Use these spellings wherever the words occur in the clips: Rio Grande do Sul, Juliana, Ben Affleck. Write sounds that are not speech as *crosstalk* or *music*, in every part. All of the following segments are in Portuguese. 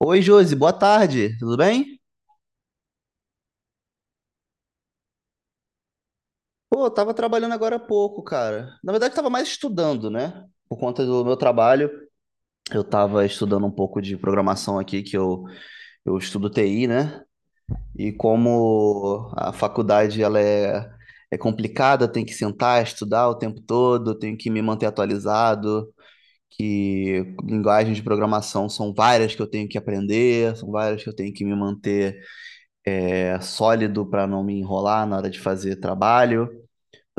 Oi, Josi, boa tarde, tudo bem? Pô, eu tava trabalhando agora há pouco, cara. Na verdade, tava mais estudando, né? Por conta do meu trabalho, eu tava estudando um pouco de programação aqui, que eu estudo TI, né? E como a faculdade, ela é complicada, tem que sentar, estudar o tempo todo, tenho que me manter atualizado, que linguagens de programação são várias que eu tenho que aprender, são várias que eu tenho que me manter sólido para não me enrolar na hora de fazer trabalho,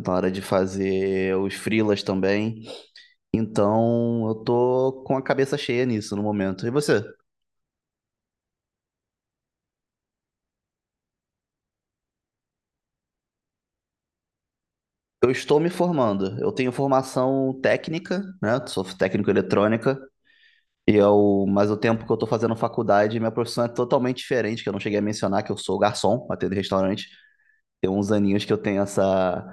na hora de fazer os freelas também. Então, eu tô com a cabeça cheia nisso no momento. E você? Eu estou me formando. Eu tenho formação técnica, né? Sou técnico em eletrônica. E eu, mas o tempo que eu tô fazendo faculdade, minha profissão é totalmente diferente, que eu não cheguei a mencionar que eu sou garçom, atendo em restaurante. Tem uns aninhos que eu tenho essa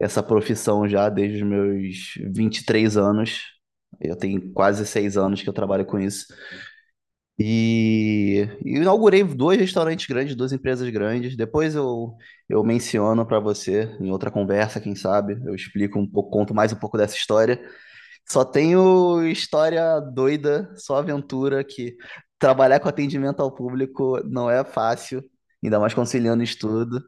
essa profissão já desde os meus 23 anos. Eu tenho quase 6 anos que eu trabalho com isso. E inaugurei dois restaurantes grandes, duas empresas grandes. Depois eu menciono para você em outra conversa, quem sabe. Eu explico um pouco, conto mais um pouco dessa história. Só tenho história doida, só aventura que trabalhar com atendimento ao público não é fácil, ainda mais conciliando estudo.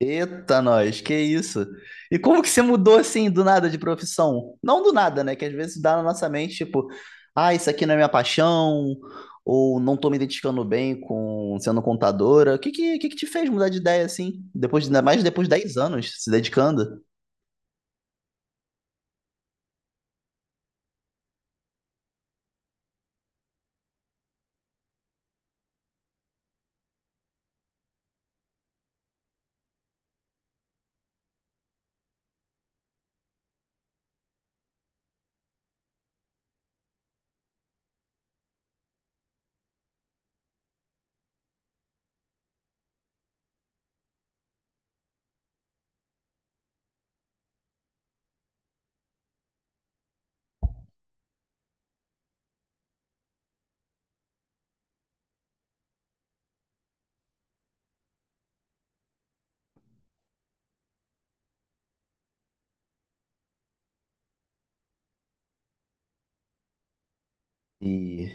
Eita, nós, que isso? E como que você mudou assim do nada de profissão? Não do nada, né? Que às vezes dá na nossa mente, tipo, ah, isso aqui não é minha paixão, ou não tô me identificando bem com sendo contadora. O que que te fez mudar de ideia assim? Depois, ainda mais depois de 10 anos se dedicando e,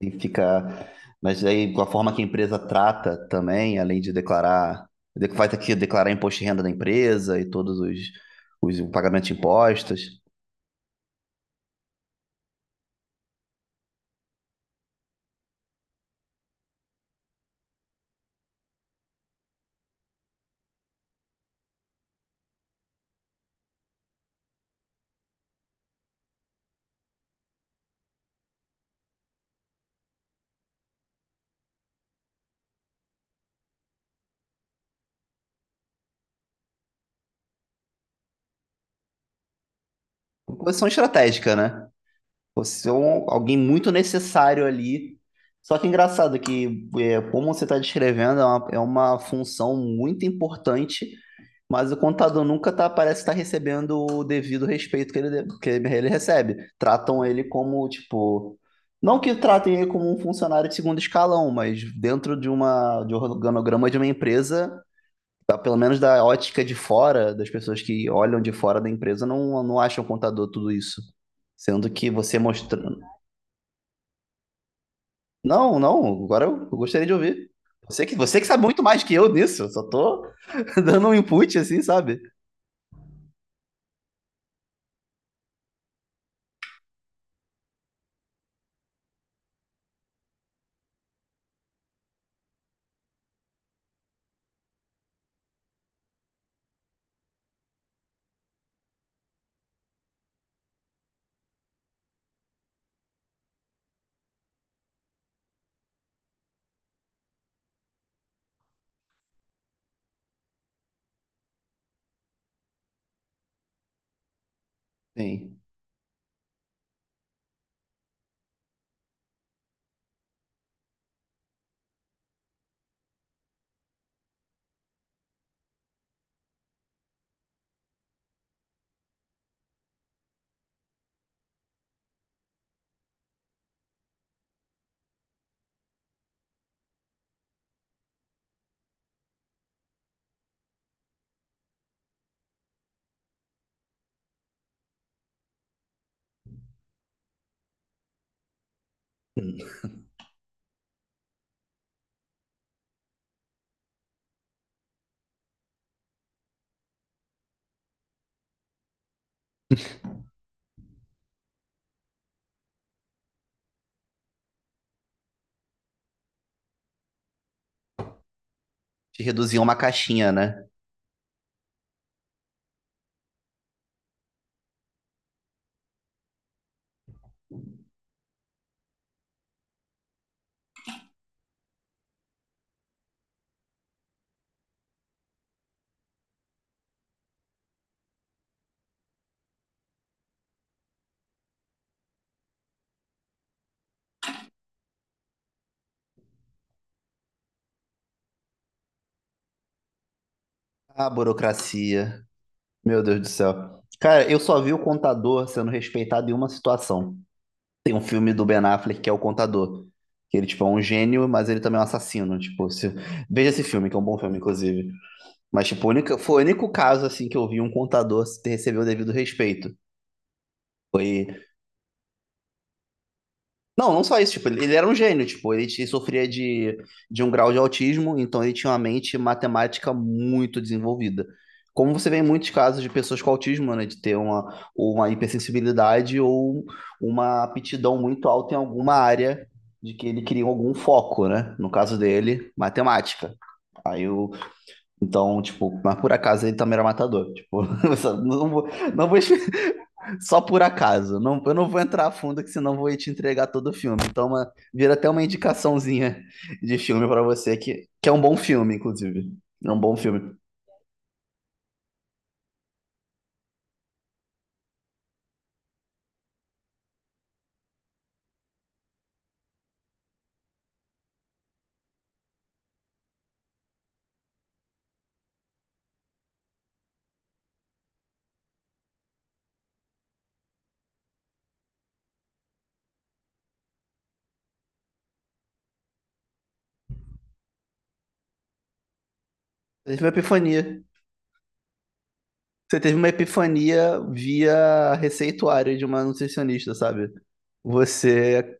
e ficar. Mas aí, com a forma que a empresa trata também, além de declarar, faz aqui declarar imposto de renda da empresa e todos os pagamentos de impostos. Posição estratégica, né? Você é um- alguém muito necessário ali. Só que engraçado que, como você está descrevendo, é uma função muito importante, mas o contador nunca tá, parece estar recebendo o devido respeito que ele recebe. Tratam ele como, tipo. Não que tratem ele como um funcionário de segundo escalão, mas dentro de um organograma de uma empresa, tá, pelo menos da ótica de fora, das pessoas que olham de fora da empresa, não, não acham o contador tudo isso. Sendo que você mostra... Não, não, agora eu gostaria de ouvir. Você que sabe muito mais que eu nisso, eu só tô *laughs* dando um input assim, sabe? Sim. Te reduzir a uma caixinha, né? Ah, burocracia. Meu Deus do céu. Cara, eu só vi o contador sendo respeitado em uma situação. Tem um filme do Ben Affleck que é o contador. Que ele, tipo, é um gênio, mas ele também é um assassino. Tipo, se- veja esse filme, que é um bom filme, inclusive. Mas, tipo, o único- foi o único caso, assim, que eu vi um contador receber o devido respeito. Foi. Não, não só isso, tipo, ele era um gênio, tipo, sofria de um grau de autismo, então ele tinha uma mente matemática muito desenvolvida. Como você vê em muitos casos de pessoas com autismo, né, de ter uma hipersensibilidade ou uma aptidão muito alta em alguma área de que ele queria algum foco, né? No caso dele, matemática. Aí o Então, tipo, mas por acaso ele também era matador, tipo, *laughs* não vou, não vou só por acaso. Não, eu não vou entrar a fundo, que senão vou te entregar todo o filme. Então, vira até uma indicaçãozinha de filme pra você, que é um bom filme, inclusive. É um bom filme. Teve uma epifania. Você teve uma epifania via receituário de uma nutricionista, sabe? Você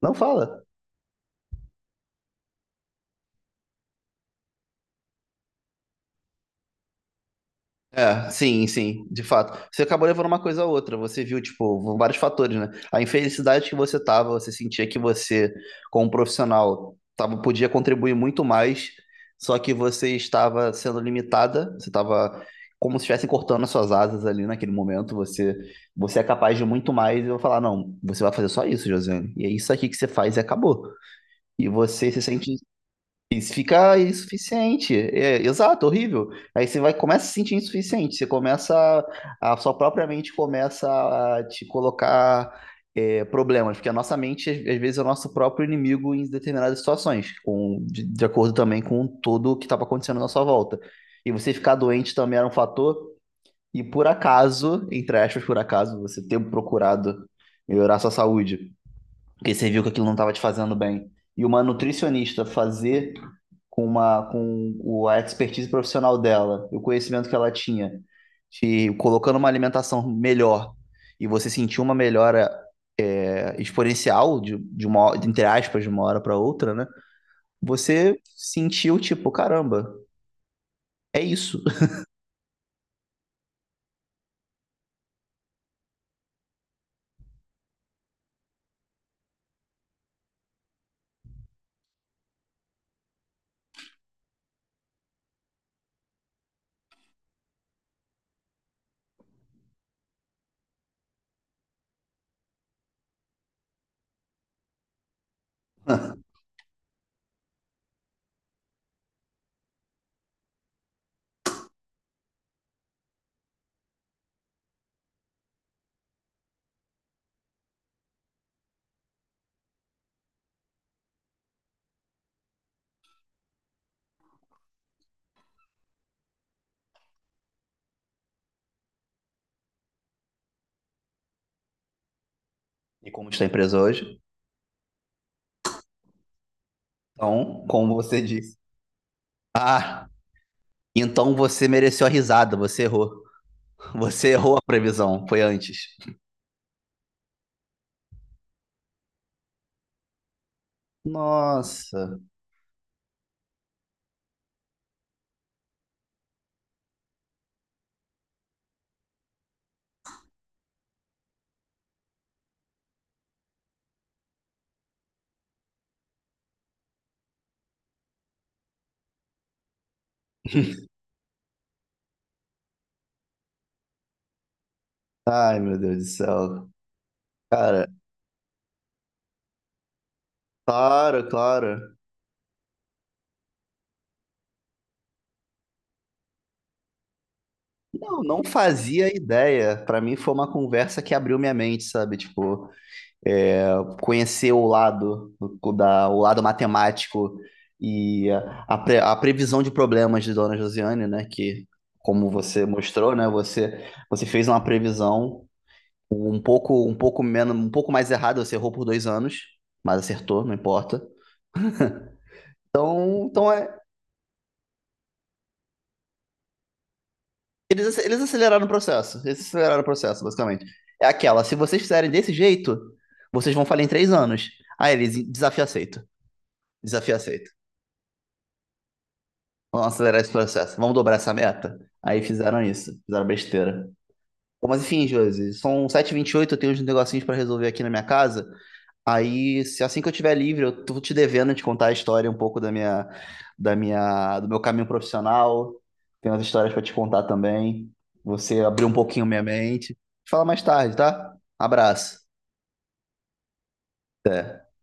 não fala. É, sim, sim, de fato. Você acabou levando uma coisa a outra, você viu, tipo, vários fatores, né? A infelicidade que você tava, você sentia que você, como profissional, tava, podia contribuir muito mais, só que você estava sendo limitada, você estava como se estivesse cortando as suas asas ali naquele momento, você, você é capaz de muito mais, e eu vou falar, não, você vai fazer só isso, Josiane, e é isso aqui que você faz e acabou. E você se sente isso fica insuficiente. É, exato, horrível. Aí você vai começa a se sentir insuficiente. Você começa a sua própria mente começa a te colocar problemas, porque a nossa mente às vezes é o nosso próprio inimigo em determinadas situações, de acordo também com tudo o que estava acontecendo na sua volta. E você ficar doente também era um fator. E por acaso, entre aspas, por acaso, você ter procurado melhorar sua saúde, porque você viu que aquilo não estava te fazendo bem. E uma nutricionista fazer com a expertise profissional dela, e o conhecimento que ela tinha, te colocando uma alimentação melhor e você sentir uma melhora exponencial de entre aspas de uma hora para outra, né? Você sentiu tipo, caramba, é isso. E como está a empresa hoje? Então, como você disse, ah, então você mereceu a risada, você errou. Você errou a previsão, foi antes. Nossa. Ai, meu Deus do céu. Cara, claro, claro. Não, não fazia ideia. Pra mim foi uma conversa que abriu minha mente, sabe? Tipo, é, conhecer o lado o lado matemático e a previsão de problemas de Dona Josiane, né? Que, como você mostrou, né? Você fez uma previsão um pouco menos um pouco mais errada. Você errou por 2 anos, mas acertou, não importa. Então, então é, eles, eles aceleraram o processo. Eles aceleraram o processo, basicamente. É aquela, se vocês fizerem desse jeito, vocês vão falhar em 3 anos. Aí eles, desafio aceito. Desafio aceito. Vamos acelerar esse processo. Vamos dobrar essa meta. Aí fizeram isso. Fizeram besteira. Bom, mas enfim, Josi, são 7h28, eu tenho uns negocinhos pra resolver aqui na minha casa. Aí, se assim que eu tiver livre, eu tô te devendo te contar a história um pouco da minha, do meu caminho profissional. Tem umas histórias para te contar também. Você abriu um pouquinho minha mente. Te fala mais tarde, tá? Abraço. Até.